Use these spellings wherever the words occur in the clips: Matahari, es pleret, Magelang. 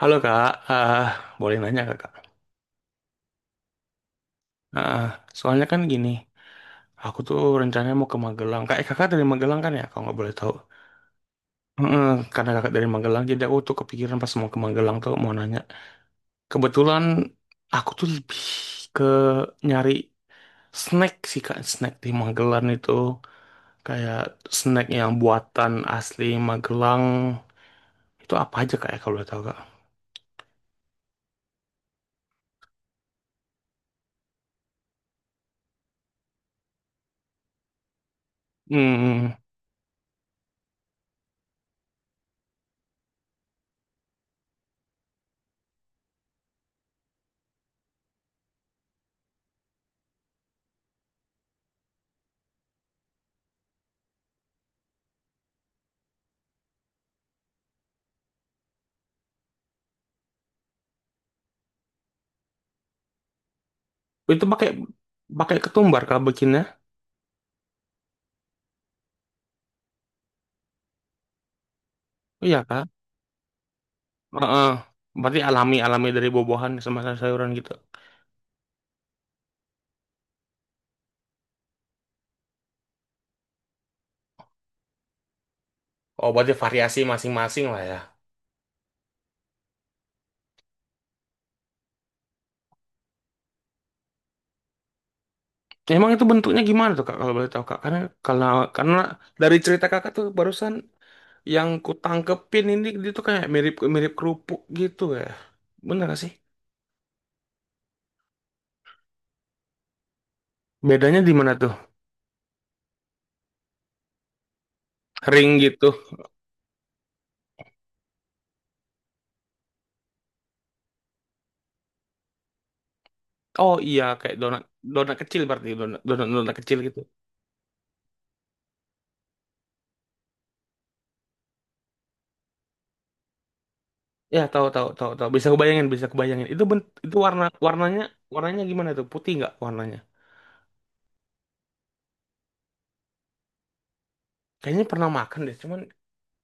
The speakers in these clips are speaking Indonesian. Halo Kak. Boleh nanya Kak? Ah, soalnya kan gini, aku tuh rencananya mau ke Magelang. Kayak kakak dari Magelang kan ya, kalau nggak boleh tahu. Heeh, karena kakak dari Magelang, jadi aku tuh kepikiran pas mau ke Magelang tuh mau nanya. Kebetulan aku tuh lebih ke nyari snack sih Kak, snack di Magelang itu. Kayak snack yang buatan asli Magelang. Itu apa aja Kak ya kalau boleh tahu Kak? Hmm, itu pakai pakai ketumbar Kak bikinnya? Iya Kak. Heeh. Berarti alami-alami dari buah-buahan sama sayuran gitu. Oh, berarti variasi masing-masing lah ya. Emang itu bentuknya gimana tuh Kak kalau boleh tahu Kak? Kalau karena dari cerita kakak tuh barusan yang ku tangkepin ini dia tuh kayak mirip mirip kerupuk gitu ya. Bener gak sih? Bedanya di mana tuh? Ring gitu. Oh iya, kayak donat, donat kecil, berarti donat, donat, donat kecil gitu. Ya, tahu, tahu, tahu, tahu. Bisa kebayangin, bisa kebayangin. Itu warnanya gimana tuh? Putih nggak warnanya? Kayaknya pernah makan deh. Cuman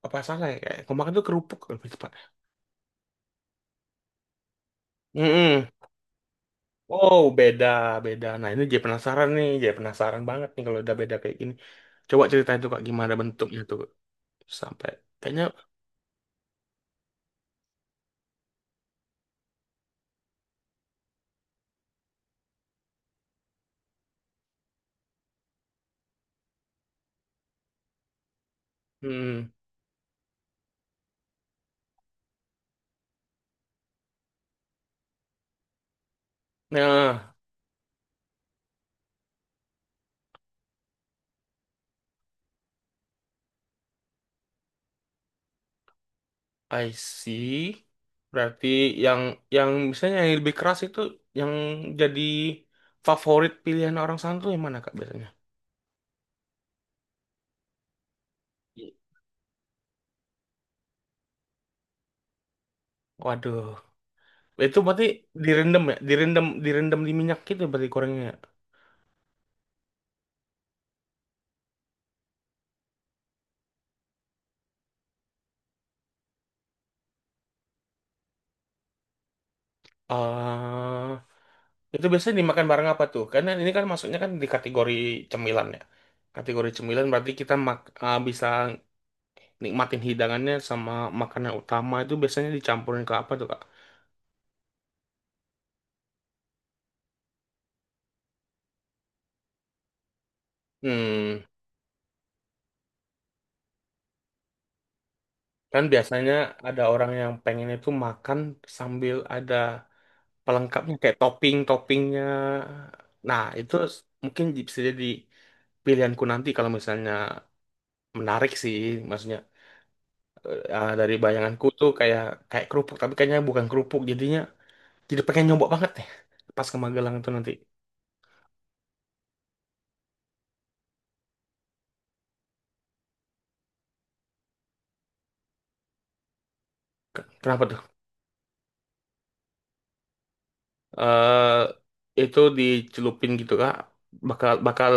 apa salah ya, kayak kemarin tuh kerupuk lebih cepat. Mm-mm. Wow, beda, beda. Nah, ini jadi penasaran nih, jadi penasaran banget nih kalau udah beda kayak gini. Coba ceritain tuh Kak, gimana bentuknya tuh sampai kayaknya hmm. Nah, I see. Berarti yang yang misalnya yang lebih keras itu yang jadi favorit pilihan orang sana tuh yang mana Kak biasanya? I- Waduh, itu berarti direndam ya, direndam direndam di minyak gitu berarti gorengnya, ya? Eh, Itu biasanya dimakan bareng apa tuh? Karena ini kan masuknya kan di kategori cemilan ya. Kategori cemilan berarti kita bisa nikmatin hidangannya sama makanan utama itu biasanya dicampurin ke apa tuh, Kak? Hmm, kan biasanya ada orang yang pengen itu makan sambil ada pelengkapnya kayak topping-toppingnya. Nah, itu mungkin bisa jadi pilihanku nanti kalau misalnya menarik sih, maksudnya dari bayanganku tuh kayak kayak kerupuk, tapi kayaknya bukan kerupuk jadinya. Jadi pengen nyoba banget nih pas ke Magelang itu nanti. Kenapa tuh? eh itu dicelupin gitu kah? Bakal bakal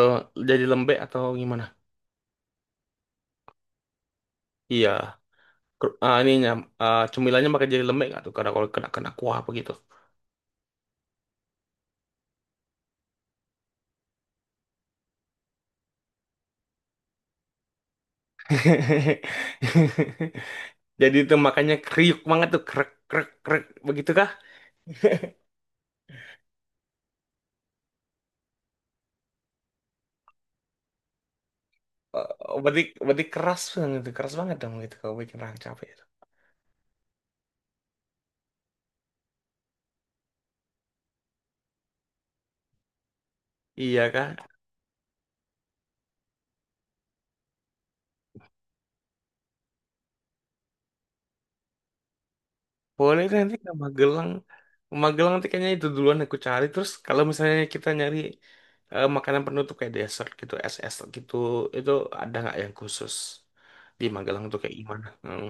jadi lembek atau gimana? Iya. Ker- Ah, ininya cemilannya bakal jadi lembek nggak tuh? Karena kalau kena kena kuah apa gitu. Jadi itu makanya kriuk banget tuh krek krek krek begitu kah? Eh, berarti berarti keras banget tuh, keras banget dong itu kalau bikin orang capek itu. Iya kah? Boleh deh, nanti ke Magelang. Magelang nanti kayaknya itu duluan aku cari. Terus kalau misalnya kita nyari makanan penutup kayak dessert gitu, es es gitu, itu ada nggak yang khusus di Magelang tuh kayak gimana? Hmm.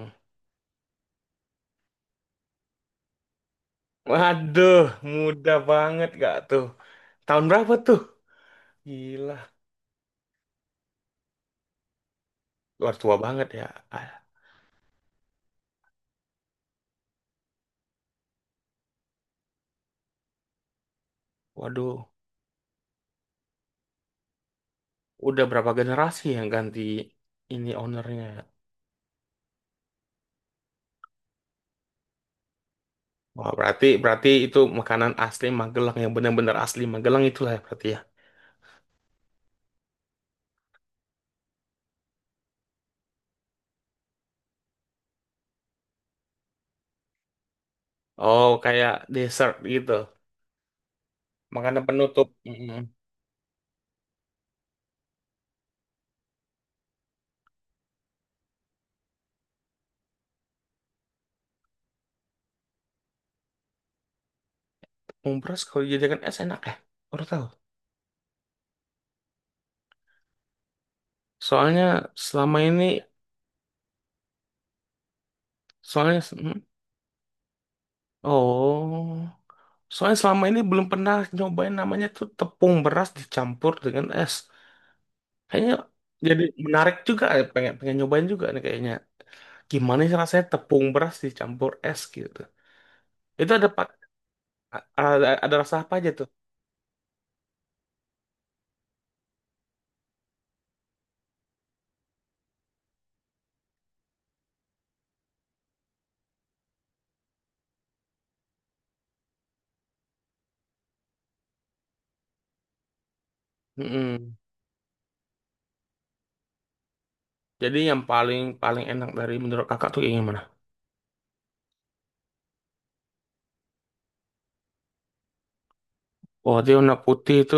Waduh, mudah banget gak tuh? Tahun berapa tuh? Gila, luar tua banget ya. Ah. Waduh, udah berapa generasi yang ganti ini ownernya? Wah, berarti berarti itu makanan asli Magelang yang benar-benar asli Magelang itulah ya berarti ya. Oh, kayak dessert gitu. Makanan penutup. Mm-mm. Umpress kalau dijadikan es enak ya? Baru tahu. Soalnya selama ini, soalnya, mm, oh, soalnya selama ini belum pernah nyobain namanya tuh tepung beras dicampur dengan es. Kayaknya jadi menarik juga, pengen pengen nyobain juga nih kayaknya. Gimana sih rasanya tepung beras dicampur es gitu? Itu ada rasa apa aja tuh? Mm-mm. Jadi yang paling paling enak dari menurut kakak tuh yang gimana? Oh, dia warna putih itu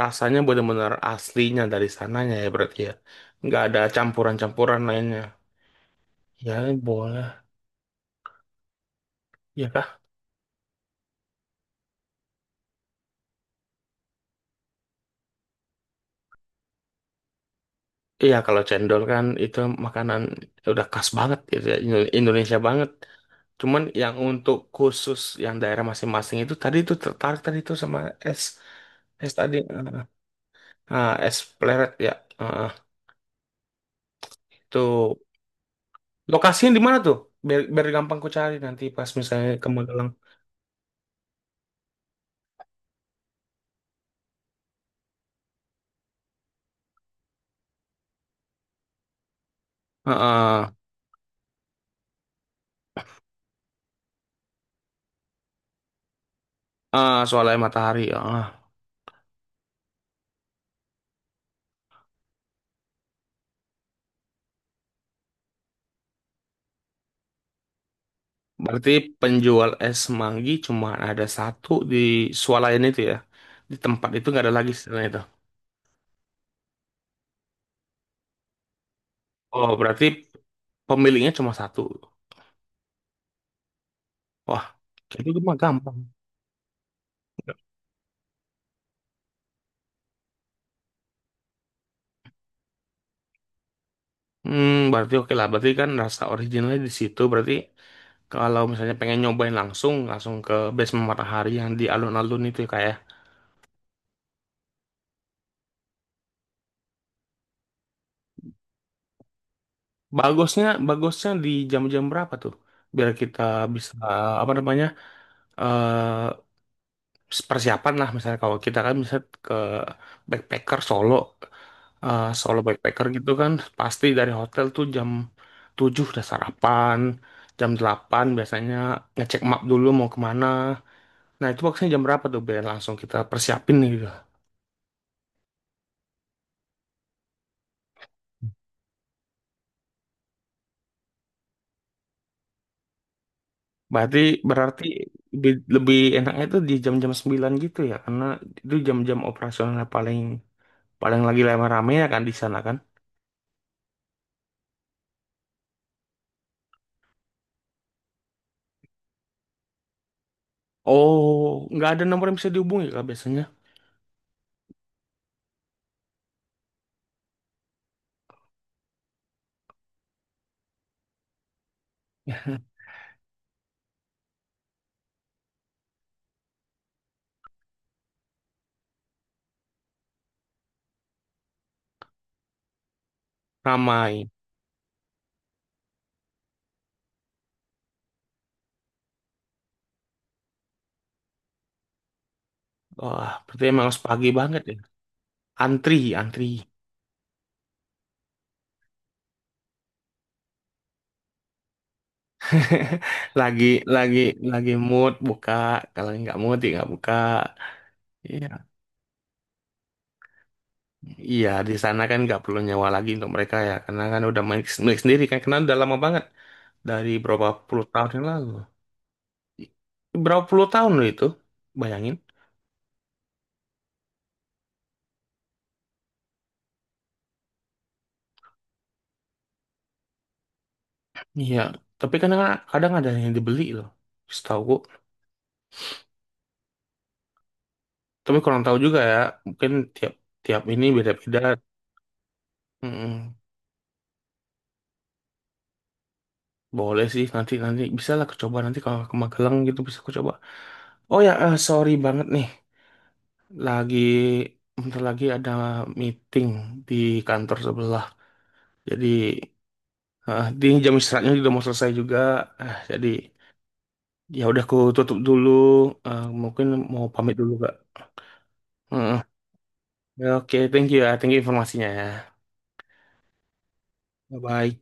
rasanya benar-benar aslinya dari sananya ya berarti ya. Nggak ada campuran-campuran lainnya. Ya, boleh. Ya kah? Iya, kalau cendol kan itu makanan udah khas banget gitu ya, Indonesia banget. Cuman yang untuk khusus yang daerah masing-masing itu tadi itu tertarik tadi itu sama es es tadi es pleret ya. Ah, itu lokasinya di mana tuh? Biar gampang ku cari nanti pas misalnya ke Magelang. Heeh. Soalnya matahari. Ah. Berarti penjual es manggi cuma ada satu di swalayan itu ya. Di tempat itu nggak ada lagi setelah itu. Oh, berarti pemiliknya cuma satu. Wah, itu mah gampang. Berarti oke lah. Berarti kan rasa originalnya di situ. Berarti kalau misalnya pengen nyobain langsung, langsung ke Basement Matahari yang di alun-alun itu ya kayak. Bagusnya di jam-jam berapa tuh? Biar kita bisa apa namanya? eh persiapan lah misalnya kalau kita kan bisa ke backpacker Solo, solo backpacker gitu kan. Pasti dari hotel tuh jam 7 udah sarapan, jam 8 biasanya ngecek map dulu mau kemana. Nah, itu maksudnya jam berapa tuh biar langsung kita persiapin nih gitu. Berarti berarti lebih enaknya tuh di jam-jam 9 gitu ya karena itu jam-jam operasional paling paling lagi rame-rame ya kan di sana kan. Oh, nggak ada nomor yang bisa dihubungi kan biasanya. Ramai. Wah, berarti emang harus pagi banget ya, antri, antri. lagi lagi lagi mood buka, kalau nggak mood ya nggak buka, iya. Iya, di sana kan nggak perlu nyewa lagi untuk mereka ya karena kan udah milik sendiri kan karena udah lama banget, dari berapa puluh tahun yang lalu. I- berapa puluh tahun loh itu, bayangin. Iya, tapi kan kadang kadang ada yang dibeli loh, setahu gua. Tapi kurang tahu juga ya, mungkin tiap tiap ini beda-beda. Mm-mm. Boleh sih, nanti nanti bisa lah aku coba nanti kalau ke Magelang gitu bisa aku coba. Oh ya, sorry banget nih. Lagi Bentar lagi ada meeting di kantor sebelah. Jadi di jam istirahatnya juga mau selesai juga. Jadi ya udah aku tutup dulu. Mungkin mau pamit dulu Kak. Heeh. Ya, oke, thank you ya. Thank you informasinya ya. Bye bye.